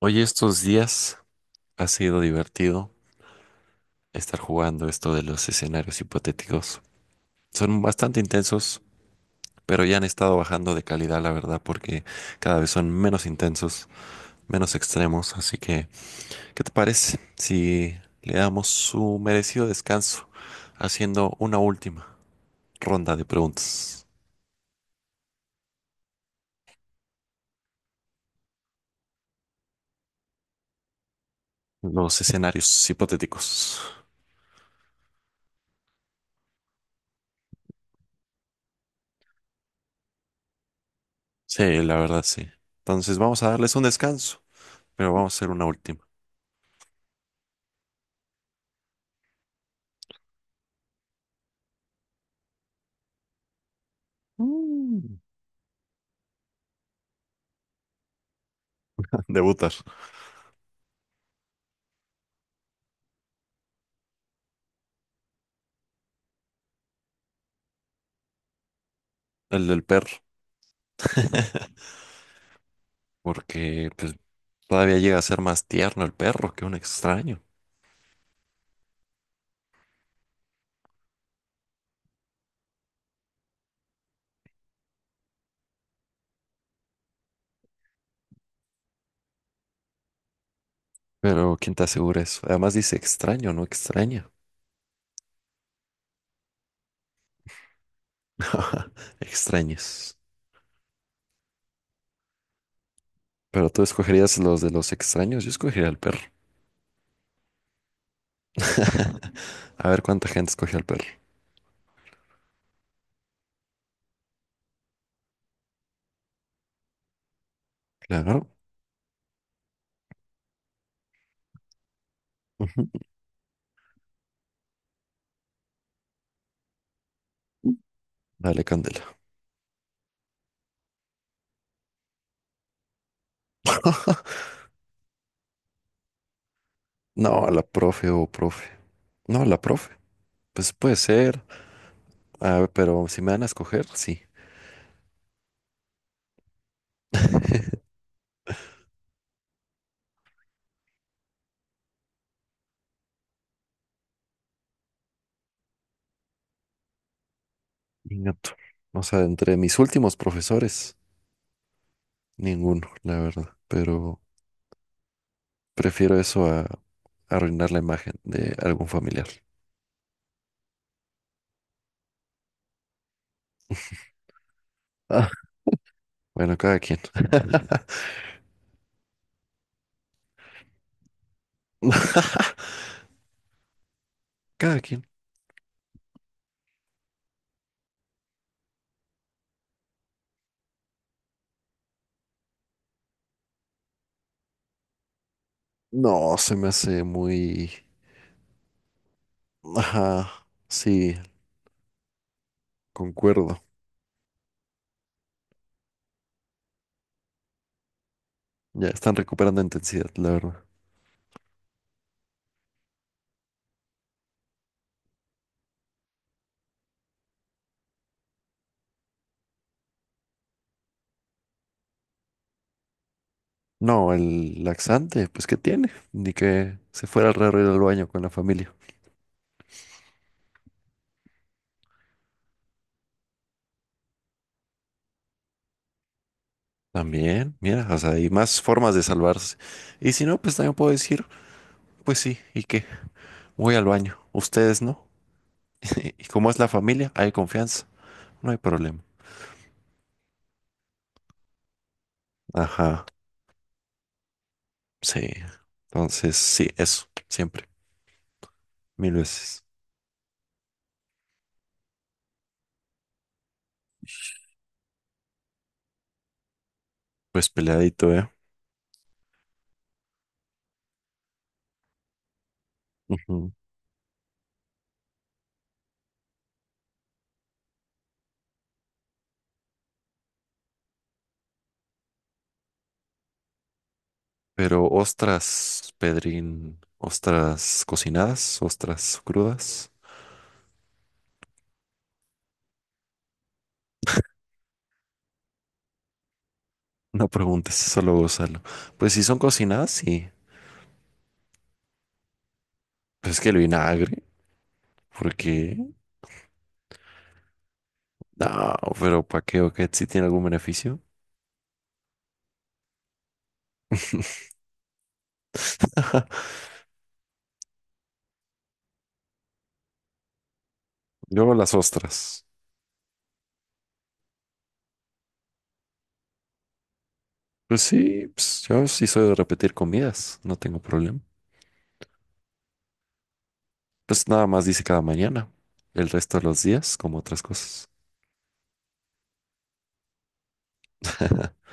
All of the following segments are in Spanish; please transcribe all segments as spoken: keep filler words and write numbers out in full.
Oye, estos días ha sido divertido estar jugando esto de los escenarios hipotéticos. Son bastante intensos, pero ya han estado bajando de calidad, la verdad, porque cada vez son menos intensos, menos extremos. Así que, ¿qué te parece si le damos su merecido descanso haciendo una última ronda de preguntas? Los escenarios hipotéticos. Sí, la verdad, sí. Entonces vamos a darles un descanso, pero vamos a hacer una última. Mm. Debutar. El del perro, porque pues, todavía llega a ser más tierno el perro que un extraño. Pero ¿quién te asegura eso? Además dice extraño, no extraña. Extraños. Pero tú escogerías los de los extraños, yo escogería el perro. A ver cuánta gente escoge al perro. Claro. Ujú. Dale, Candela. No, a la profe o profe. No, a la profe. Pues puede ser. A ver, pero si me van a escoger, sí. Ingato. O sea, entre mis últimos profesores. Ninguno, la verdad. Pero prefiero eso a arruinar la imagen de algún familiar. Ah, bueno, cada quien. Cada quien. No, se me hace muy... Ajá, sí, concuerdo. Ya están recuperando intensidad, la verdad. No, el laxante, pues ¿qué tiene? Ni que se fuera raro ir al baño con la familia. También, mira, o sea, hay más formas de salvarse. Y si no, pues también puedo decir, pues sí, ¿y qué? Voy al baño. ¿Ustedes no? ¿Y y cómo es la familia? Hay confianza, no hay problema. Ajá, sí. Entonces, sí, eso, siempre, mil veces. Pues peleadito, ¿eh? Ujú. Pero ostras, Pedrín, ostras cocinadas, ostras crudas. No preguntes, solo gózalo. Pues si son cocinadas, sí. Pues es que el vinagre, porque no, pero ¿para qué o qué? ¿Si tiene algún beneficio? Luego las ostras. Pues sí, pues, yo sí soy de repetir comidas, no tengo problema. Pues nada más dice cada mañana, el resto de los días, como otras cosas.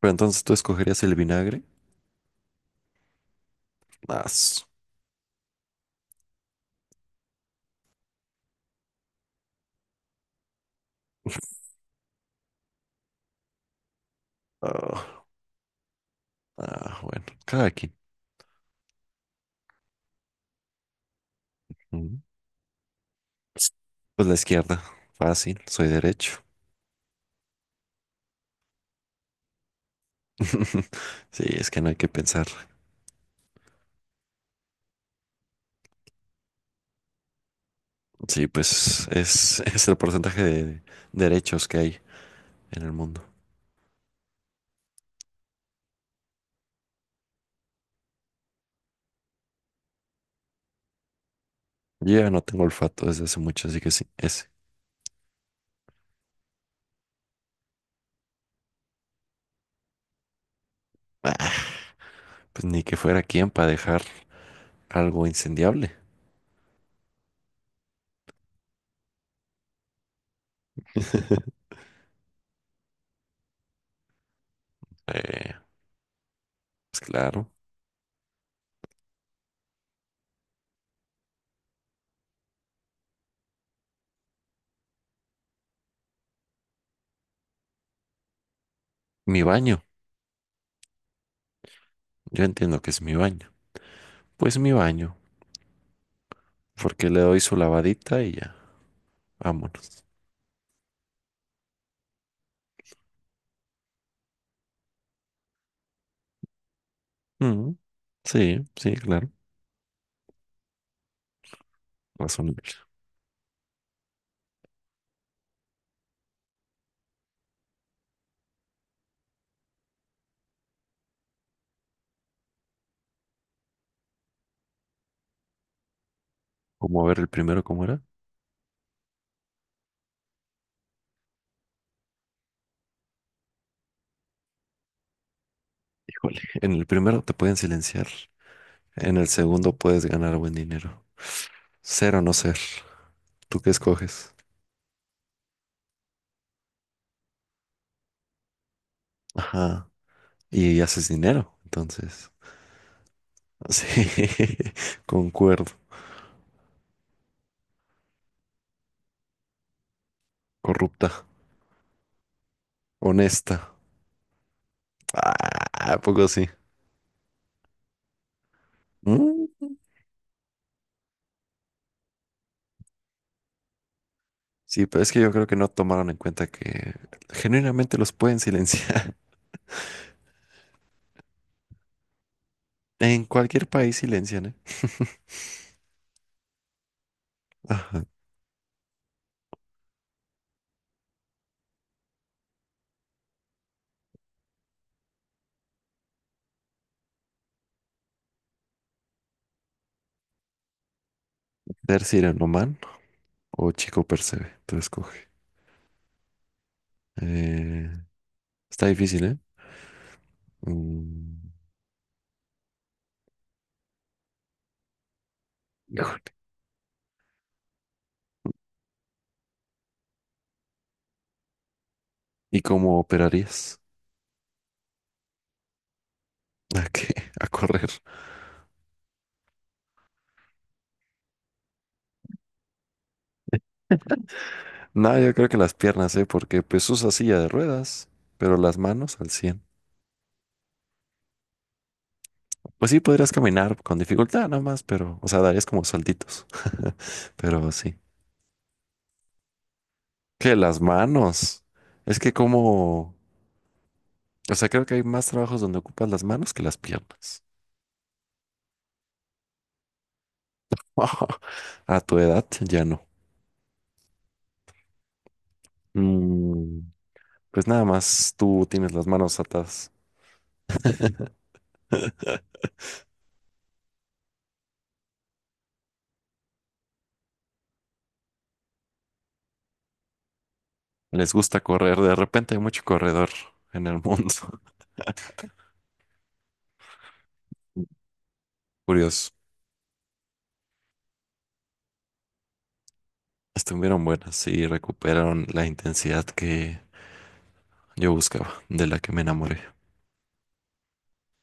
Pero entonces tú escogerías el vinagre. Ah, su- ah, ah, bueno, cada quien. Mm. Pues la izquierda, fácil, soy derecho. Sí, es que no hay que pensar. Sí, pues es, es el porcentaje de derechos que hay en el mundo. Yo ya no tengo olfato desde hace mucho, así que sí, ese. Pues ni que fuera quien para dejar algo incendiable. Eh, pues claro, mi baño. Yo entiendo que es mi baño. Pues mi baño, porque le doy su lavadita y ya, vámonos. Mm, sí, sí, claro, razonable. ¿Cómo ver el primero cómo era? Híjole, en el primero te pueden silenciar, en el segundo puedes ganar buen dinero. Ser o no ser, ¿tú qué escoges? Ajá, y haces dinero, entonces. Sí, concuerdo, corrupta, honesta. Ah, ¿a poco sí? Mm. Sí, pero es que yo creo que no tomaron en cuenta que genuinamente los pueden silenciar. En cualquier país silencian, ¿eh? Ajá. Ser Sirenoman o Chico Percebe, tú escoge. Eh, está difícil, ¿eh? Mm, híjole. ¿Y cómo operarías? ¿A qué? ¿A correr? No, yo creo que las piernas, ¿eh? Porque pues usa silla de ruedas, pero las manos al cien. Pues sí, podrías caminar con dificultad nada más, pero, o sea, darías como saltitos. Pero sí. Que las manos. Es que como, o sea, creo que hay más trabajos donde ocupas las manos que las piernas. A tu edad ya no. Mm, pues nada más tú tienes las manos atadas. Les gusta correr. De repente hay mucho corredor en el mundo. Curioso. Estuvieron buenas y recuperaron la intensidad que yo buscaba, de la que me enamoré.